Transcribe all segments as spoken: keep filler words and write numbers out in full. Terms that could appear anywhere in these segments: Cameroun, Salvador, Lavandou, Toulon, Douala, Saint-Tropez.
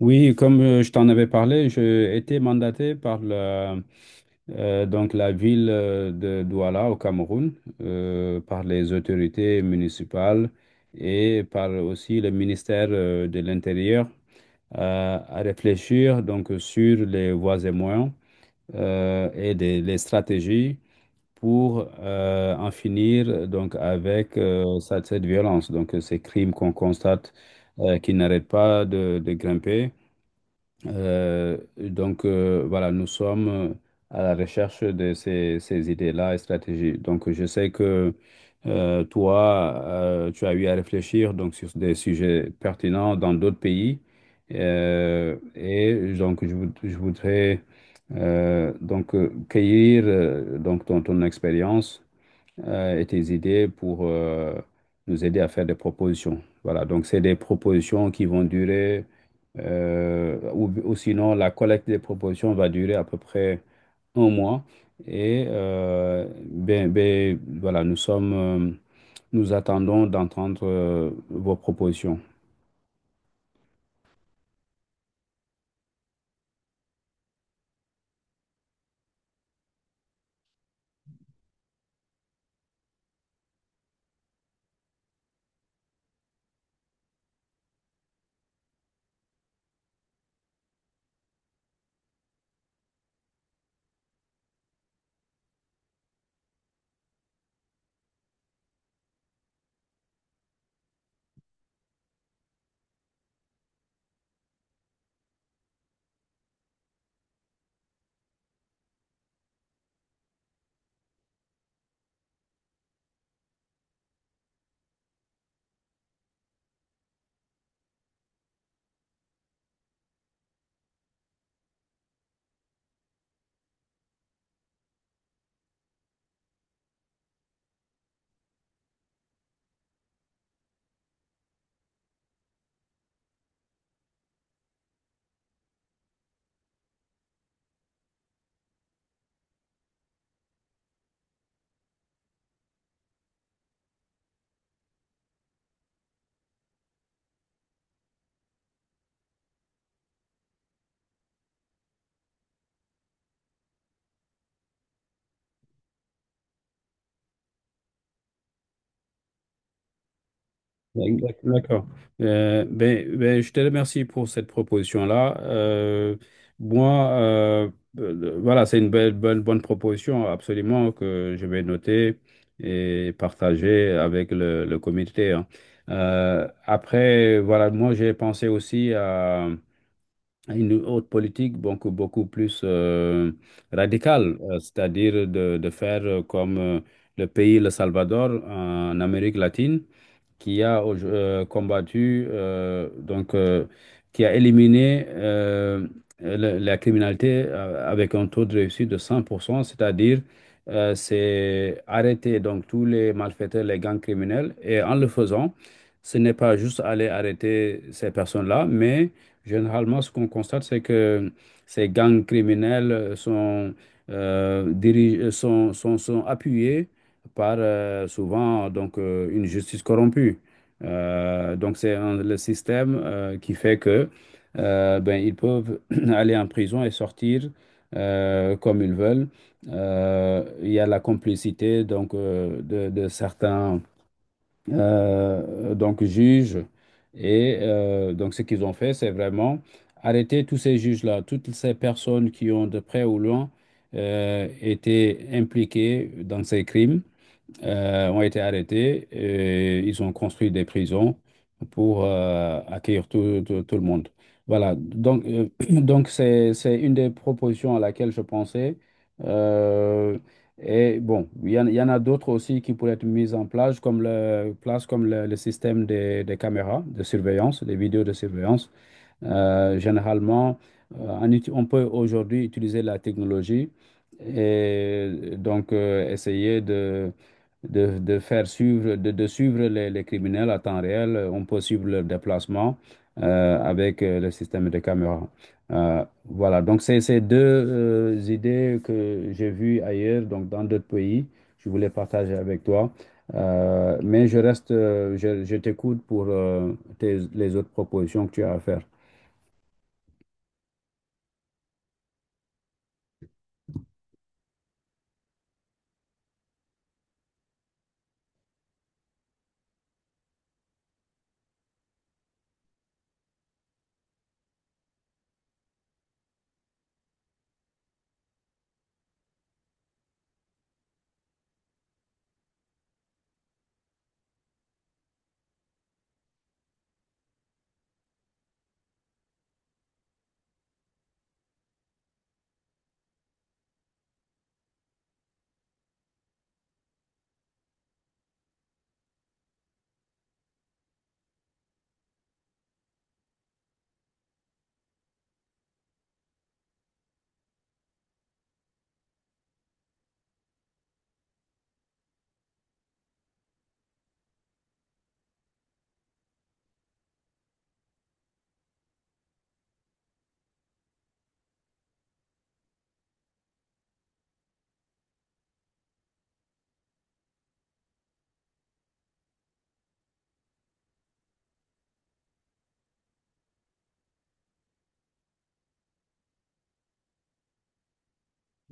Oui, comme euh, je t'en avais parlé, j'ai été mandaté par la, euh, donc la ville euh, de Douala au Cameroun, euh, par les autorités municipales et par aussi le ministère euh, de l'Intérieur euh, à réfléchir donc sur les voies et moyens euh, et des- les stratégies pour euh, en finir donc avec euh, cette, cette violence, donc ces crimes qu'on constate euh, qui n'arrêtent pas de de grimper. Euh, donc euh, voilà, nous sommes euh, à la recherche de ces, ces idées-là et stratégies. Donc je sais que euh, toi, euh, tu as eu à réfléchir donc, sur des sujets pertinents dans d'autres pays. Euh, et donc je, voud- je voudrais euh, donc euh, cueillir euh, donc ton, ton expérience euh, et tes idées pour euh, nous aider à faire des propositions. Voilà, donc c'est des propositions qui vont durer, euh, ou, ou sinon la collecte des propositions va durer à peu près un mois. Et euh, ben, ben, voilà, nous sommes, euh, nous attendons d'entendre euh, vos propositions. D'ac- D'accord. Euh, ben, ben, je te remercie pour cette proposition-là. Euh, moi, euh, euh, voilà, c'est une belle, bonne, bonne proposition, absolument, que je vais noter et partager avec le, le comité, hein. Euh, après, voilà, moi, j'ai pensé aussi à à une autre politique beaucoup, beaucoup plus euh, radicale, euh, c'est-à-dire de, de faire euh, comme euh, le pays, le Salvador, en Amérique latine qui a euh, combattu, euh, donc, euh, qui a éliminé euh, le- la criminalité euh, avec un taux de réussite de cent pour cent, c'est-à-dire euh, c'est arrêter donc tous les malfaiteurs, les gangs criminels, et en le faisant, ce n'est pas juste aller arrêter ces personnes-là, mais généralement, ce qu'on constate, c'est que ces gangs criminels sont, euh, dirige- sont, sont, sont appuyés par euh, souvent donc euh, une justice corrompue. Euh, donc c'est un- le système euh, qui fait que euh, ben, ils peuvent aller en prison et sortir euh, comme ils veulent. Euh, il y a la complicité donc euh, de, de certains euh, donc juges et euh, donc ce qu'ils ont fait c'est vraiment arrêter tous ces juges-là, toutes ces personnes qui ont de près ou loin euh, été impliquées dans ces crimes euh, ont été arrêtés et ils ont construit des prisons pour euh, accueillir tout, tout- tout le monde. Voilà, donc euh, donc c'est, c'est une des propositions à laquelle je pensais. Euh, et bon, il y en, il y en a d'autres aussi qui pourraient être mises en place, comme le, place comme le, le système des, des caméras de surveillance, des vidéos de surveillance. Euh, généralement, euh, en uti- on peut aujourd'hui utiliser la technologie et donc euh, essayer de, de, de faire suivre, de, de suivre les, les criminels à temps réel. On peut suivre leur déplacement euh, avec euh, le système de caméra. Euh, voilà, donc c'est ces deux euh, idées que j'ai vues ailleurs, donc dans d'autres pays. Je voulais partager avec toi. Euh, mais je reste, euh, je, je t'écoute pour euh, tes- les autres propositions que tu as à faire.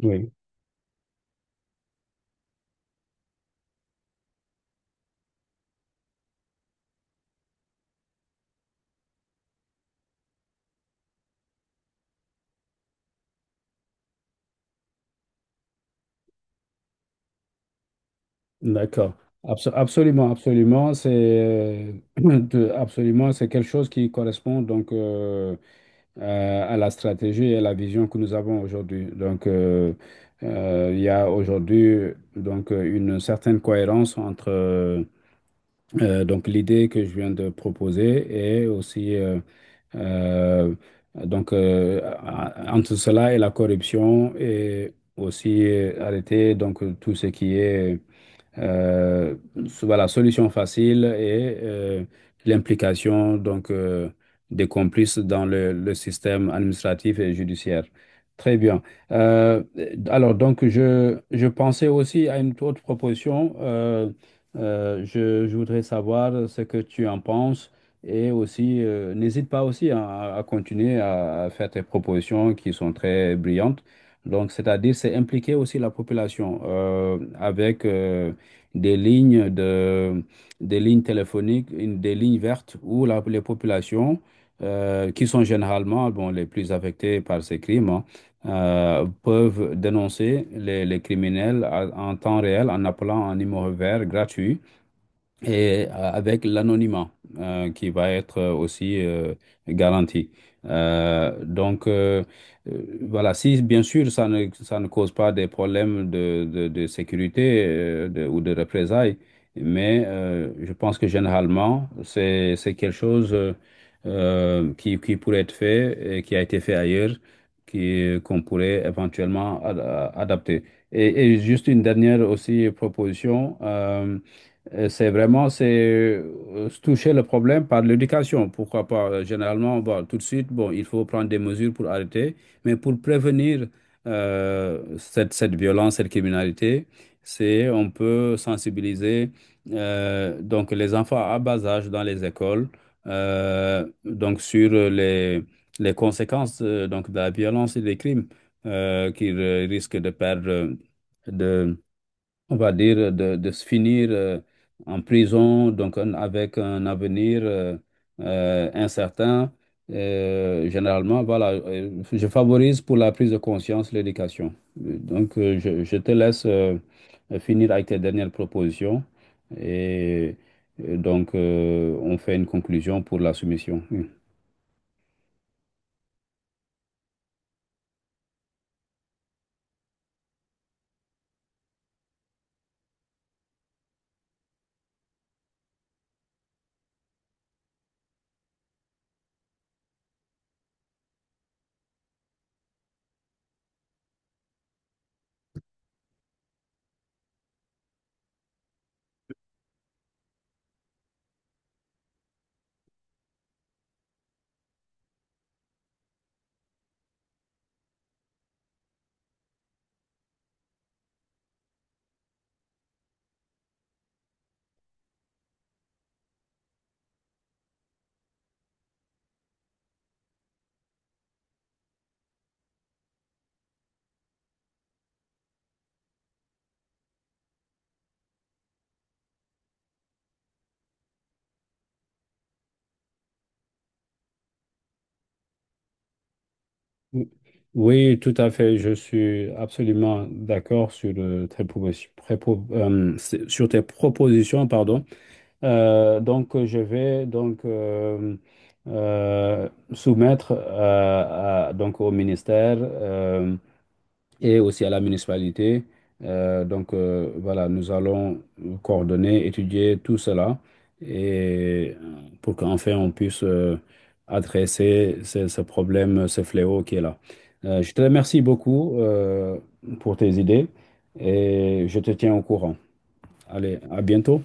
Oui, d'accord. Abso- absolument, absolument, c'est euh, de- absolument, c'est quelque chose qui correspond donc euh, euh, à la stratégie et à la vision que nous avons aujourd'hui. Donc, euh, euh, il y a aujourd'hui donc euh, une certaine cohérence entre euh, euh, donc l'idée que je viens de proposer et aussi euh, euh, donc euh, a- entre cela et la corruption et aussi euh, arrêter donc tout ce qui est Euh, so- voilà, solution facile et euh, l'implication donc euh, des complices dans le, le système administratif et judiciaire. Très bien. Euh, alors donc je, je pensais aussi à une autre proposition. Euh, euh, je, je voudrais savoir ce que tu en penses et aussi euh, n'hésite pas aussi à, à continuer à, à faire tes propositions qui sont très brillantes. Donc c'est-à-dire c'est impliquer aussi la population euh, avec euh, des lignes de, des lignes téléphoniques, une- des lignes vertes où la- les populations, euh, qui sont généralement bon, les plus affectées par ces crimes, hein, euh, peuvent dénoncer les, les criminels à- en temps réel en appelant un numéro vert gratuit et euh, avec l'anonymat euh, qui va être euh, aussi euh, garanti. Euh, donc, euh, euh, voilà, si bien sûr ça ne, ça ne cause pas des problèmes de, de, de sécurité euh, de- ou de représailles, mais euh, je pense que généralement, c'est, c'est quelque chose euh, euh, qui, qui pourrait être fait et qui a été fait ailleurs, qui, qu'on pourrait éventuellement ad- euh, adapter. Et, et juste une dernière aussi proposition. euh, euh, C'est vraiment c'est euh, toucher le problème par l'éducation. Pourquoi pas? euh, Généralement, bon, tout de suite, bon, il faut prendre des mesures pour arrêter, mais pour prévenir euh, cette, cette violence, cette criminalité, c'est on peut sensibiliser euh, donc les enfants à bas âge dans les écoles euh, donc sur les, les conséquences euh, donc de la violence et des crimes euh, qu'ils euh, risquent de perdre euh, de on va dire, de, de se finir euh, en prison, donc un- avec un avenir euh, euh, incertain. Euh, généralement, voilà, euh, je favorise pour la prise de conscience l'éducation. Euh, Donc, euh, je, je te laisse euh, finir avec tes dernières propositions et, et donc euh, on fait une conclusion pour la soumission. Oui, oui, tout à fait. Je suis absolument d'accord sur, euh, tes propos- prépo- euh, sur tes propositions, pardon. Euh, donc, je vais donc euh, euh, soumettre à- à- donc au ministère euh, et aussi à la municipalité. Euh, donc, euh, voilà, nous allons coordonner, étudier tout cela et euh, pour qu'enfin on puisse euh, adresser ce, ce problème, ce fléau qui est là. Euh, je te remercie beaucoup euh, pour tes idées et je te tiens au courant. Allez, à bientôt.